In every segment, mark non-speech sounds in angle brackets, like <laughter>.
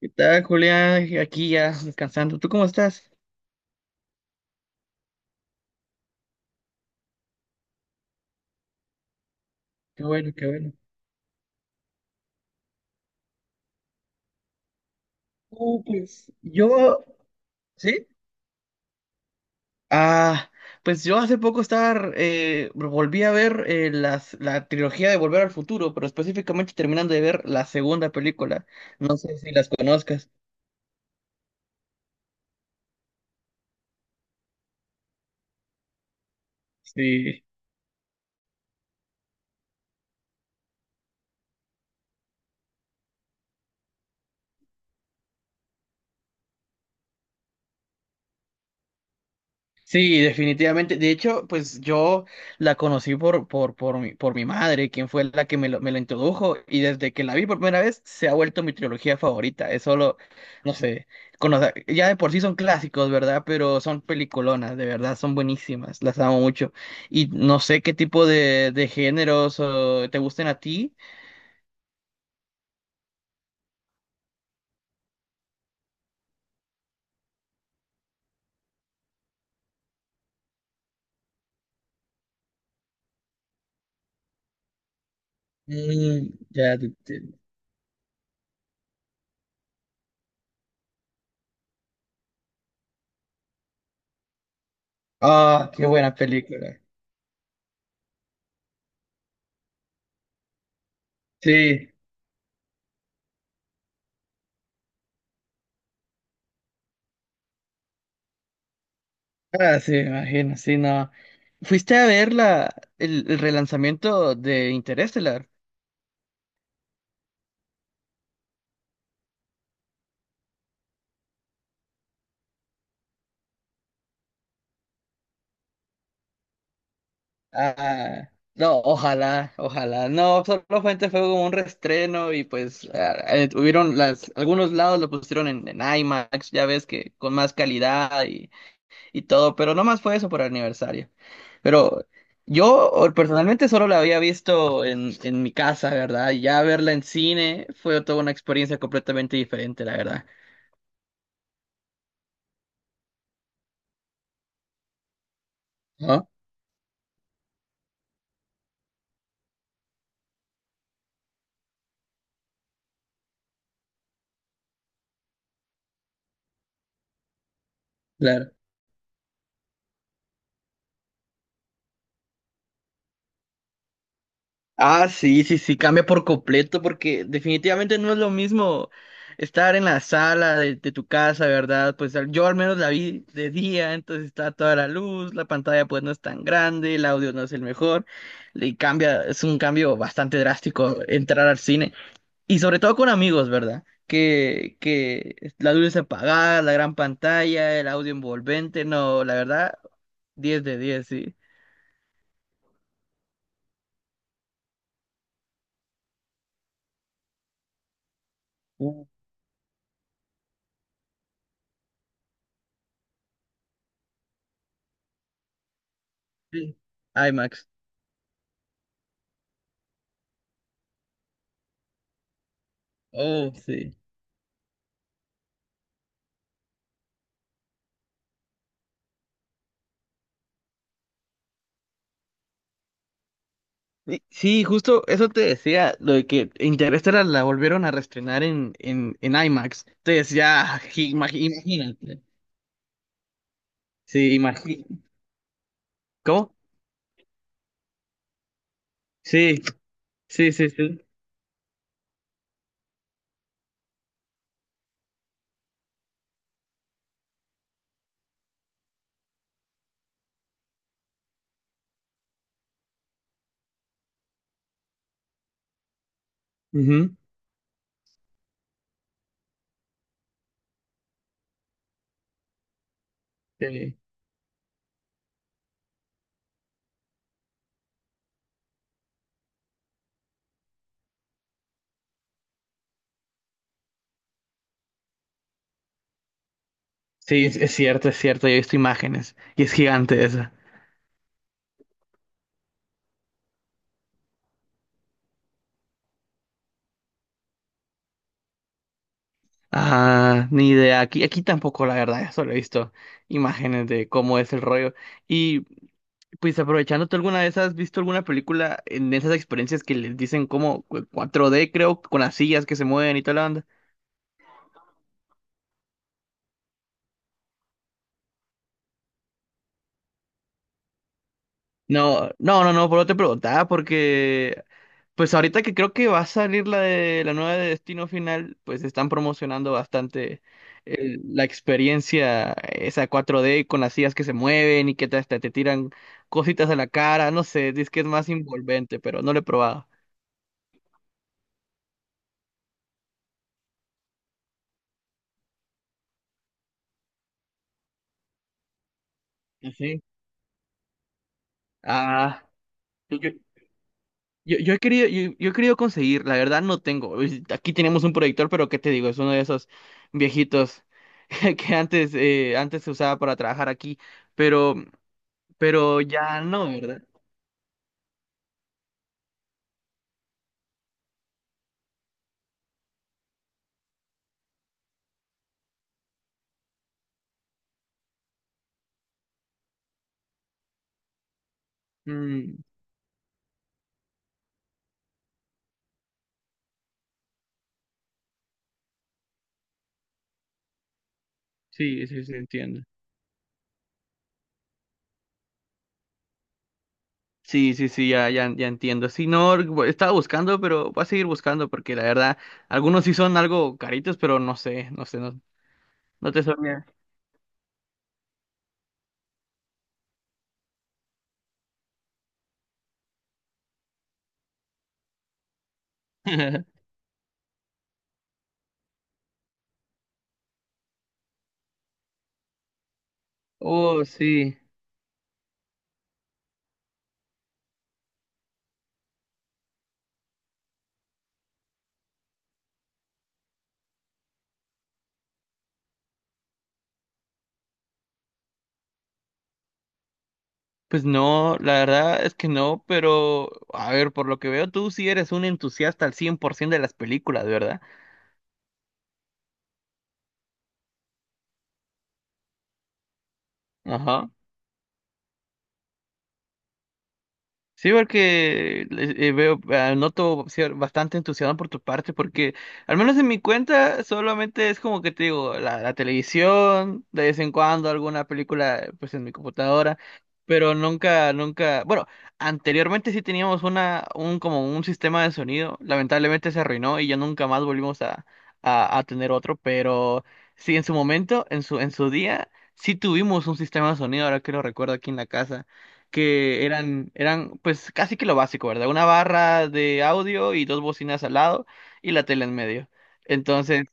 ¿Qué tal, Julián? Aquí ya descansando. ¿Tú cómo estás? Qué bueno, qué bueno. Uh, pues yo, ¿Sí? Ah, pues yo hace poco estaba, volví a ver las, la trilogía de Volver al Futuro, pero específicamente terminando de ver la segunda película. No sé si las conozcas. Sí. Sí, definitivamente. De hecho, pues yo la conocí por mi madre, quien fue la que me lo introdujo, y desde que la vi por primera vez se ha vuelto mi trilogía favorita. Es solo, no sé, conocer- ya de por sí son clásicos, ¿verdad? Pero son peliculonas, de verdad, son buenísimas, las amo mucho. Y no sé qué tipo de géneros o, te gusten a ti. Mm, ya te entiendo. Ah, qué buena película. Sí. Ah, sí, me imagino, sí, no. ¿Fuiste a ver la, el relanzamiento de Interestelar? Ah, no, ojalá, ojalá. No, solamente fue como un reestreno y pues ah, tuvieron las, algunos lados lo pusieron en IMAX, ya ves que con más calidad y todo, pero nomás fue eso por aniversario. Pero yo o- personalmente solo la había visto en mi casa, ¿verdad? Y ya verla en cine fue toda una experiencia completamente diferente, la verdad. ¿No? Claro. Ah, sí, sí, sí, cambia por completo porque definitivamente no es lo mismo estar en la sala de tu casa, ¿verdad? Pues al- yo al menos la vi de día, entonces está toda la luz, la pantalla pues no es tan grande, el audio no es el mejor, y cambia, es un cambio bastante drástico entrar al cine y sobre todo con amigos, ¿verdad? Que la luz es apagada, la gran pantalla, el audio envolvente, no, la verdad, diez de 10 sí. Uh, sí. IMAX. Oh, sí. Y- sí, justo eso te decía, lo de que Interestelar la volvieron a reestrenar en IMAX. Entonces ya, <laughs> "Ima- imagínate. Sí, imagínate. ¿Cómo? Sí, sí, sí, sí. Ujú. Sí, sí, es cierto, yo he visto imágenes y es gigante esa. Ah, ni idea, aquí, aquí tampoco la verdad, solo he visto imágenes de cómo es el rollo. Y pues aprovechando, ¿tú alguna vez has visto alguna película en esas experiencias que les dicen como cu- 4D, creo, con las sillas que se mueven y toda la banda? No, no, no, no, por eso te preguntaba, porque pues ahorita que creo que va a salir la de la nueva de Destino Final, pues están promocionando bastante el- la experiencia esa 4D con las sillas que se mueven y que te- hasta te tiran cositas a la cara, no sé, dice que es más envolvente, pero no lo he probado. ¿Ah, ¿sí? Ah. yo, Yo, yo he querido, yo he querido conseguir, la verdad no tengo. Es- aquí tenemos un proyector, pero ¿qué te digo? Es uno de esos viejitos <laughs> que antes, antes se usaba para trabajar aquí, pero, pero ya no, ¿verdad? Mm, sí, sí, sí, entiendo. Sí, sí, sí, ya, ya, ya entiendo. Sí, no, bu- estaba buscando, pero voy a seguir buscando porque la verdad, algunos sí son algo caritos, pero no sé, no sé, no, no te sabría. <laughs> Oh, sí. Pues no, la verdad es que no, pero a ver, por lo que veo, tú sí eres un entusiasta al 100% de las películas, ¿verdad? Ajá. Sí, porque veo, ah, noto cier- bastante entusiasmo por tu parte, porque al menos en mi cuenta solamente es como que te digo, la televisión, de vez en cuando alguna película pues en mi computadora, pero nunca, nunca, bueno, anteriormente sí teníamos una, un como un sistema de sonido, lamentablemente se arruinó y ya nunca más volvimos a tener otro, pero sí en su momento, en su día, sí tuvimos un sistema de sonido, ahora que lo recuerdo aquí en la casa que eran, eran pues casi que lo básico, ¿verdad? Una barra de audio y dos bocinas al lado y la tele en medio. Entonces,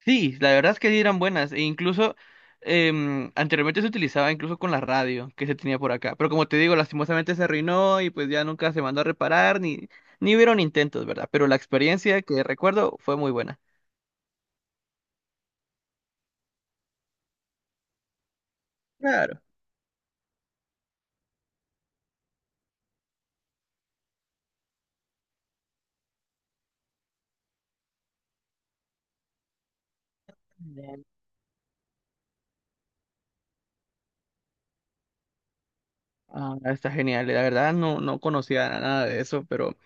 sí, la verdad es que sí eran buenas. E incluso anteriormente se utilizaba incluso con la radio que se tenía por acá. Pero como te digo, lastimosamente se arruinó y pues ya nunca se mandó a reparar ni, ni hubieron intentos, ¿verdad? Pero la experiencia que recuerdo fue muy buena. Claro. Ah, está genial. La verdad no, no conocía nada de eso, pero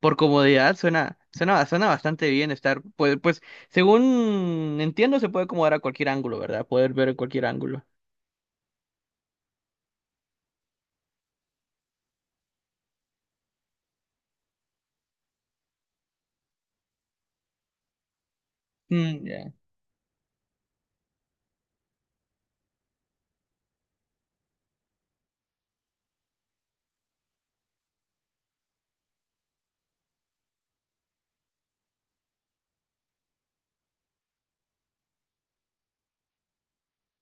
por comodidad suena, suena, suena bastante bien estar, pues, pues, según entiendo, se puede acomodar a cualquier ángulo, ¿verdad? Poder ver en cualquier ángulo. Mm, ya.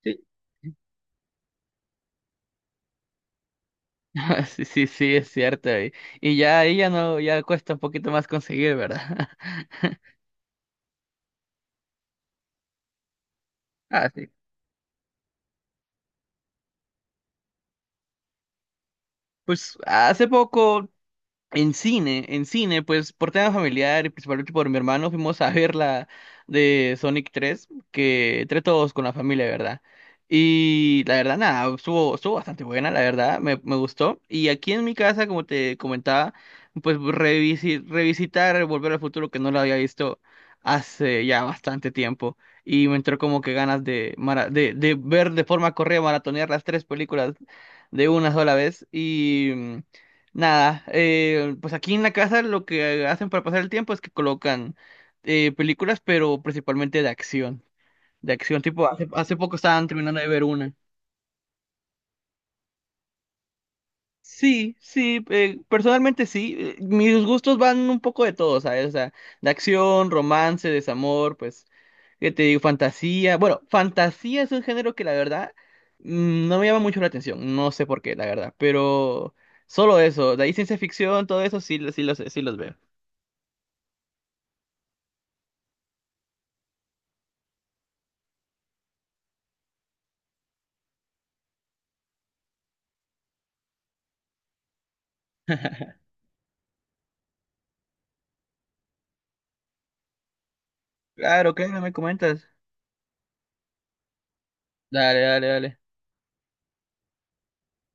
Sí. <laughs> Sí, sí, sí, es cierto. Y ya ahí ya no, ya cuesta un poquito más conseguir, ¿verdad? <laughs> Ah, sí. Pues hace poco en cine, en cine, pues por tema familiar y principalmente por mi hermano fuimos a ver la de Sonic tres que entre todos con la familia, ¿verdad? Y la verdad, nada, estuvo, estuvo bastante buena, la verdad, me gustó. Y aquí en mi casa, como te comentaba, pues revisi- revisitar Volver al Futuro, que no lo había visto hace ya bastante tiempo. Y me entró como que ganas de, mara- de ver de forma correa, maratonear las tres películas de una sola vez. Nada, pues aquí en la casa lo que hacen para pasar el tiempo es que colocan películas, pero principalmente de acción. De acción, tipo, hace, hace poco estaban terminando de ver una. Sí, sí, personalmente sí. Mis gustos van un poco de todo, ¿sabes? O sea, de acción, romance, desamor, pues, ¿qué te digo? Fantasía. Bueno, fantasía es un género que la verdad mm, no me llama mucho la atención. No sé por qué, la verdad. Pero solo eso, de ahí ciencia ficción, todo eso sí, lo- sí los veo. Claro, claro, me comentas. Dale, dale, dale.